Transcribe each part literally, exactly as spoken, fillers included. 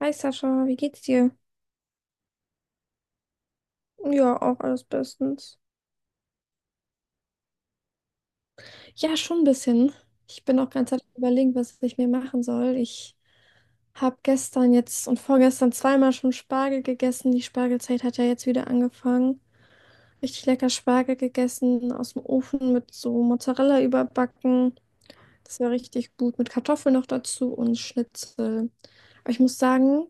Hi Sascha, wie geht's dir? Ja, auch alles bestens. Ja, schon ein bisschen. Ich bin auch ganz am überlegen, was ich mir machen soll. Ich habe gestern jetzt und vorgestern zweimal schon Spargel gegessen. Die Spargelzeit hat ja jetzt wieder angefangen. Richtig lecker Spargel gegessen, aus dem Ofen mit so Mozzarella überbacken. Das war richtig gut, mit Kartoffeln noch dazu und Schnitzel. Aber ich muss sagen,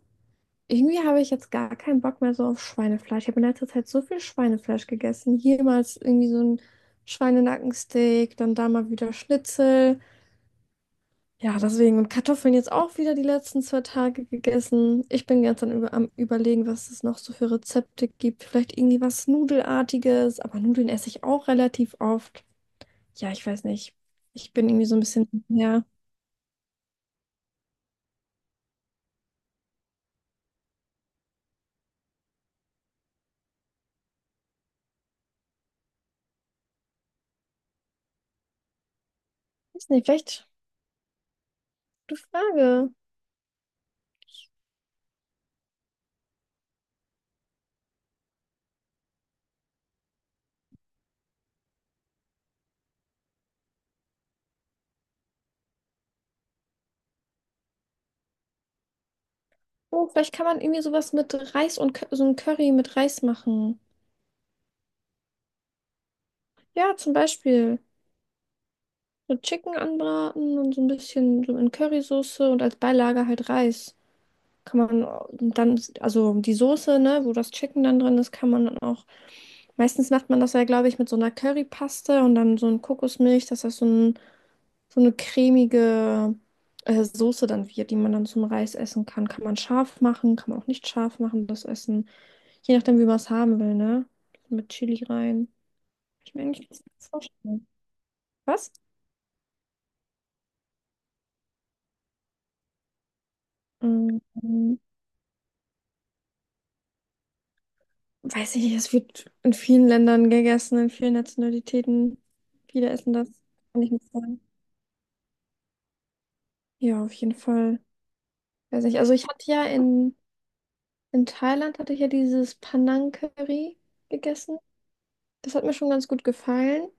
irgendwie habe ich jetzt gar keinen Bock mehr so auf Schweinefleisch. Ich habe in letzter Zeit so viel Schweinefleisch gegessen. Hier mal ist irgendwie so ein Schweinenackensteak, dann da mal wieder Schnitzel. Ja, deswegen. Und Kartoffeln jetzt auch wieder die letzten zwei Tage gegessen. Ich bin ganz dann Über am Überlegen, was es noch so für Rezepte gibt. Vielleicht irgendwie was Nudelartiges, aber Nudeln esse ich auch relativ oft. Ja, ich weiß nicht. Ich bin irgendwie so ein bisschen, ja, weiß nicht, vielleicht gute Frage. Oh, vielleicht kann man irgendwie sowas mit Reis und Cur- so ein Curry mit Reis machen. Ja, zum Beispiel so Chicken anbraten und so ein bisschen so in Currysoße und als Beilage halt Reis. Kann man äh, dann, also die Soße, ne, wo das Chicken dann drin ist, kann man dann auch. Meistens macht man das ja, glaube ich, mit so einer Currypaste und dann so ein Kokosmilch, dass das so ein, so eine cremige äh, Soße dann wird, die man dann zum Reis essen kann. Kann man scharf machen, kann man auch nicht scharf machen, das Essen. Je nachdem, wie man es haben will, ne? Mit Chili rein. Ich mir eigentlich ganz gut vorstellen. Was? Mm, weiß ich nicht, es wird in vielen Ländern gegessen, in vielen Nationalitäten. Viele essen das, kann ich nicht sagen. Ja, auf jeden Fall. Weiß nicht. Also ich hatte ja in, in Thailand hatte ich ja dieses Panang Curry gegessen. Das hat mir schon ganz gut gefallen.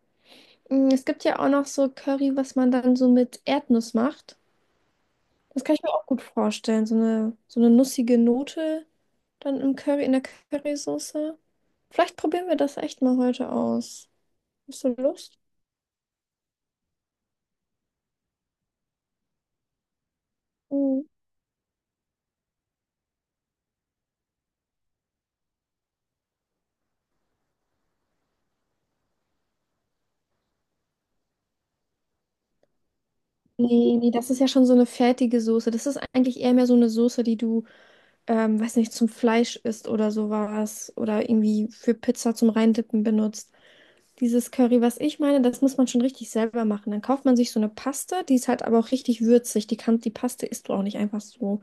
Mm, es gibt ja auch noch so Curry, was man dann so mit Erdnuss macht. Das kann ich mir auch gut vorstellen. So eine, so eine nussige Note dann im Curry, in der Currysoße. Vielleicht probieren wir das echt mal heute aus. Hast du Lust? Mhm. Nee, nee, das ist ja schon so eine fertige Soße. Das ist eigentlich eher mehr so eine Soße, die du, ähm, weiß nicht, zum Fleisch isst oder sowas. Oder irgendwie für Pizza zum Reindippen benutzt. Dieses Curry, was ich meine, das muss man schon richtig selber machen. Dann kauft man sich so eine Paste, die ist halt aber auch richtig würzig. Die kann, die Paste isst du auch nicht einfach so.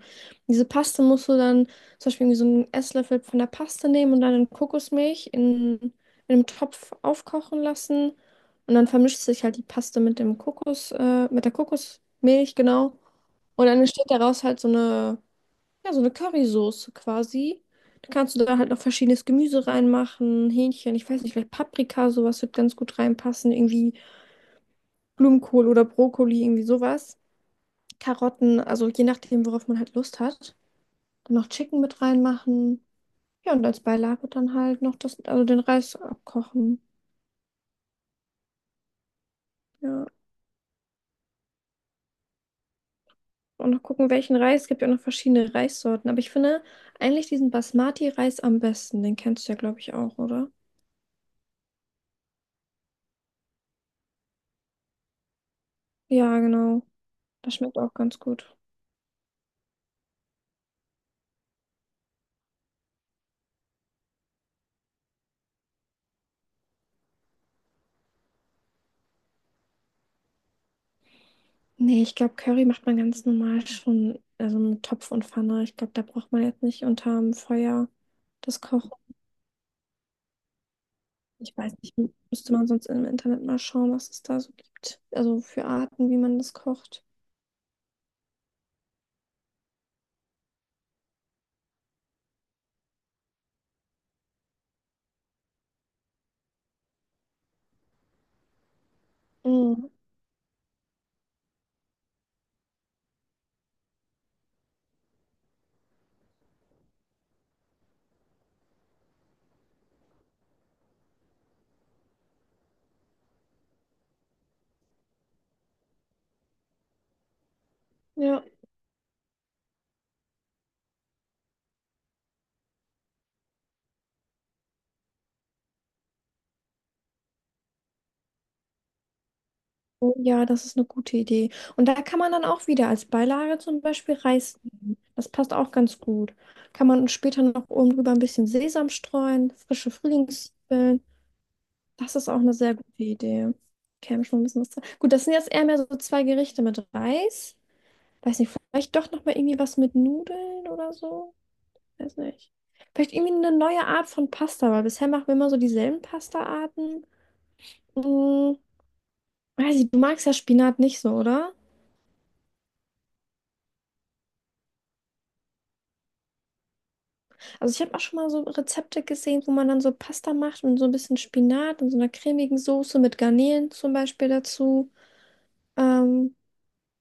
Diese Paste musst du dann zum Beispiel irgendwie so einen Esslöffel von der Paste nehmen und dann in Kokosmilch in, in einem Topf aufkochen lassen. Und dann vermischt sich halt die Paste mit dem Kokos, äh, mit der Kokosmilch, genau. Und dann entsteht daraus halt so eine ja, so eine Currysoße quasi. Da kannst du da halt noch verschiedenes Gemüse reinmachen, Hähnchen, ich weiß nicht, vielleicht Paprika, sowas wird ganz gut reinpassen, irgendwie Blumenkohl oder Brokkoli, irgendwie sowas. Karotten, also je nachdem, worauf man halt Lust hat. Und noch Chicken mit reinmachen. Ja, und als Beilage dann halt noch das, also den Reis abkochen. Ja. Und noch gucken, welchen Reis. Es gibt ja auch noch verschiedene Reissorten. Aber ich finde eigentlich diesen Basmati-Reis am besten. Den kennst du ja, glaube ich, auch, oder? Ja, genau. Das schmeckt auch ganz gut. Nee, ich glaube, Curry macht man ganz normal schon, also mit Topf und Pfanne. Ich glaube, da braucht man jetzt nicht unterm Feuer das Kochen. Ich weiß nicht, müsste man sonst im Internet mal schauen, was es da so gibt. Also für Arten, wie man das kocht. Mhm. Ja. Oh ja, das ist eine gute Idee. Und da kann man dann auch wieder als Beilage zum Beispiel Reis nehmen. Das passt auch ganz gut. Kann man später noch oben drüber ein bisschen Sesam streuen, frische Frühlingszwiebeln. Das ist auch eine sehr gute Idee. Käme schon ein bisschen was dran. Gut, das sind jetzt eher mehr so zwei Gerichte mit Reis. Weiß nicht, vielleicht doch nochmal irgendwie was mit Nudeln oder so. Weiß nicht. Vielleicht irgendwie eine neue Art von Pasta, weil bisher machen wir immer so dieselben Pasta-Arten. Hm, weiß ich, du magst ja Spinat nicht so, oder? Also ich habe auch schon mal so Rezepte gesehen, wo man dann so Pasta macht und so ein bisschen Spinat und so einer cremigen Soße mit Garnelen zum Beispiel dazu. Ähm,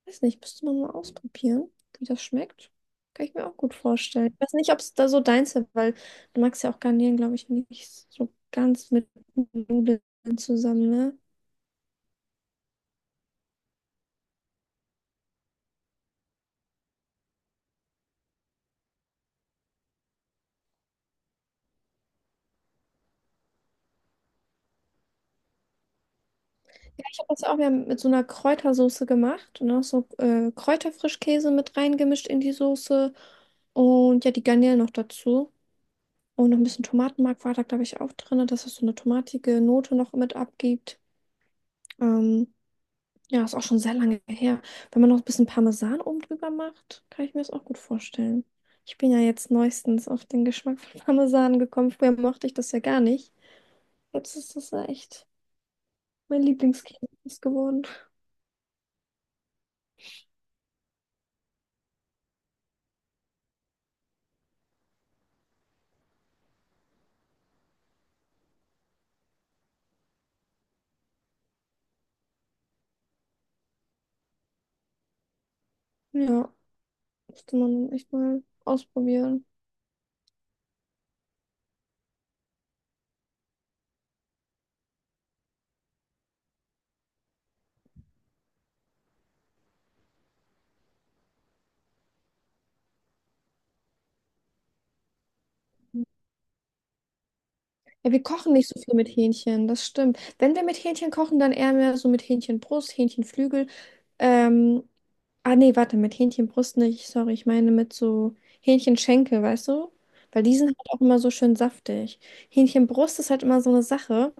Weiß nicht, müsste man mal ausprobieren, wie das schmeckt. Kann ich mir auch gut vorstellen. Ich weiß nicht, ob es da so deins ist, weil du magst ja auch Garnelen, glaube ich, nicht so ganz mit Nudeln zusammen, ne? Ja, ich habe das ja auch wieder mit so einer Kräutersoße gemacht und auch so äh, Kräuterfrischkäse mit reingemischt in die Soße und ja, die Garnelen noch dazu. Und noch ein bisschen Tomatenmark war da, glaube ich, auch drin, dass es so eine tomatige Note noch mit abgibt. Ähm, Ja, ist auch schon sehr lange her. Wenn man noch ein bisschen Parmesan oben drüber macht, kann ich mir das auch gut vorstellen. Ich bin ja jetzt neuestens auf den Geschmack von Parmesan gekommen. Früher mochte ich das ja gar nicht. Jetzt ist das ja echt mein Lieblingskäse geworden. Ja, müsste man echt mal ausprobieren. Ja, wir kochen nicht so viel mit Hähnchen, das stimmt. Wenn wir mit Hähnchen kochen, dann eher mehr so mit Hähnchenbrust, Hähnchenflügel. Ähm, ah nee, warte, mit Hähnchenbrust nicht, sorry, ich meine mit so Hähnchenschenkel, weißt du? Weil die sind halt auch immer so schön saftig. Hähnchenbrust ist halt immer so eine Sache.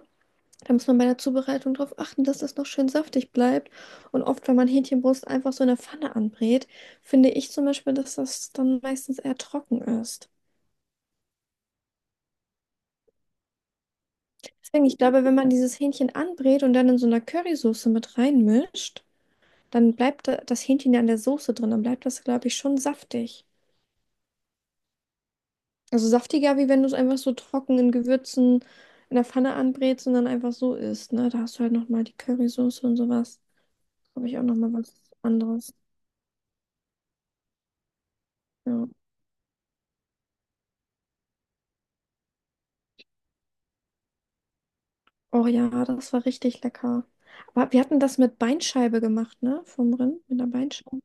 Da muss man bei der Zubereitung drauf achten, dass das noch schön saftig bleibt. Und oft, wenn man Hähnchenbrust einfach so in der Pfanne anbrät, finde ich zum Beispiel, dass das dann meistens eher trocken ist. Deswegen, ich glaube, wenn man dieses Hähnchen anbrät und dann in so einer Currysoße mit reinmischt, dann bleibt da- das Hähnchen ja in der Soße drin. Dann bleibt das, glaube ich, schon saftig. Also saftiger, wie wenn du es einfach so trocken in Gewürzen in der Pfanne anbrätst und dann einfach so isst, ne? Da hast du halt nochmal die Currysoße und sowas. Habe ich auch nochmal was anderes. Ja. Oh ja, das war richtig lecker. Aber wir hatten das mit Beinscheibe gemacht, ne? Vom Rind, mit der Beinscheibe.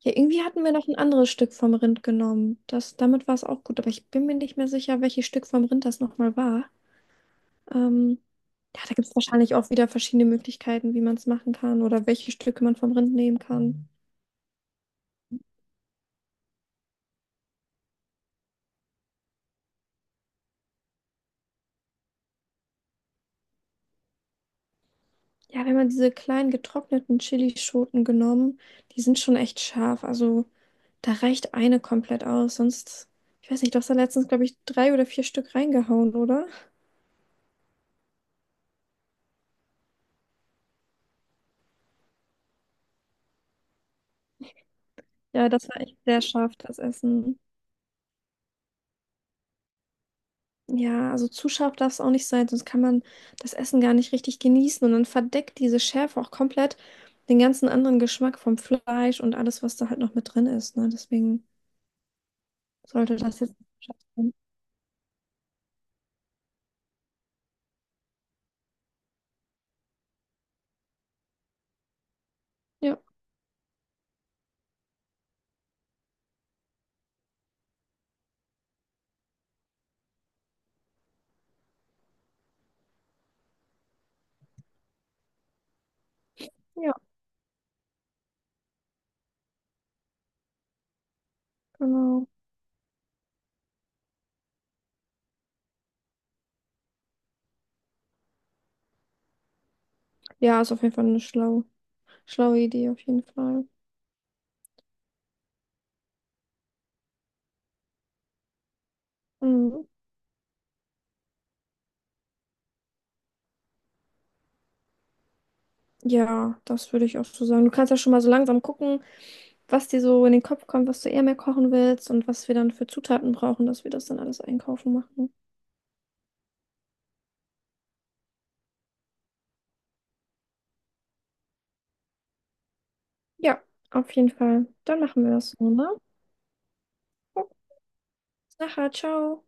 Ja, irgendwie hatten wir noch ein anderes Stück vom Rind genommen. Das, damit war es auch gut, aber ich bin mir nicht mehr sicher, welches Stück vom Rind das nochmal war. Ähm, ja, da gibt es wahrscheinlich auch wieder verschiedene Möglichkeiten, wie man es machen kann oder welche Stücke man vom Rind nehmen kann. Ja, wir haben ja diese kleinen getrockneten Chilischoten genommen. Die sind schon echt scharf. Also da reicht eine komplett aus. Sonst, ich weiß nicht, du hast da letztens, glaube ich, drei oder vier Stück reingehauen, oder? Ja, das war echt sehr scharf, das Essen. Ja, also zu scharf darf es auch nicht sein, sonst kann man das Essen gar nicht richtig genießen und dann verdeckt diese Schärfe auch komplett den ganzen anderen Geschmack vom Fleisch und alles, was da halt noch mit drin ist, ne? Deswegen sollte das jetzt nicht zu scharf sein. Ja, ja, genau. Ja, ist auf jeden Fall eine schlau, schlaue Idee, auf jeden Fall. Mhm. Ja, das würde ich auch so sagen. Du kannst ja schon mal so langsam gucken, was dir so in den Kopf kommt, was du eher mehr kochen willst und was wir dann für Zutaten brauchen, dass wir das dann alles einkaufen machen. Ja, auf jeden Fall. Dann machen wir das so, ne? Oh, nachher, ciao.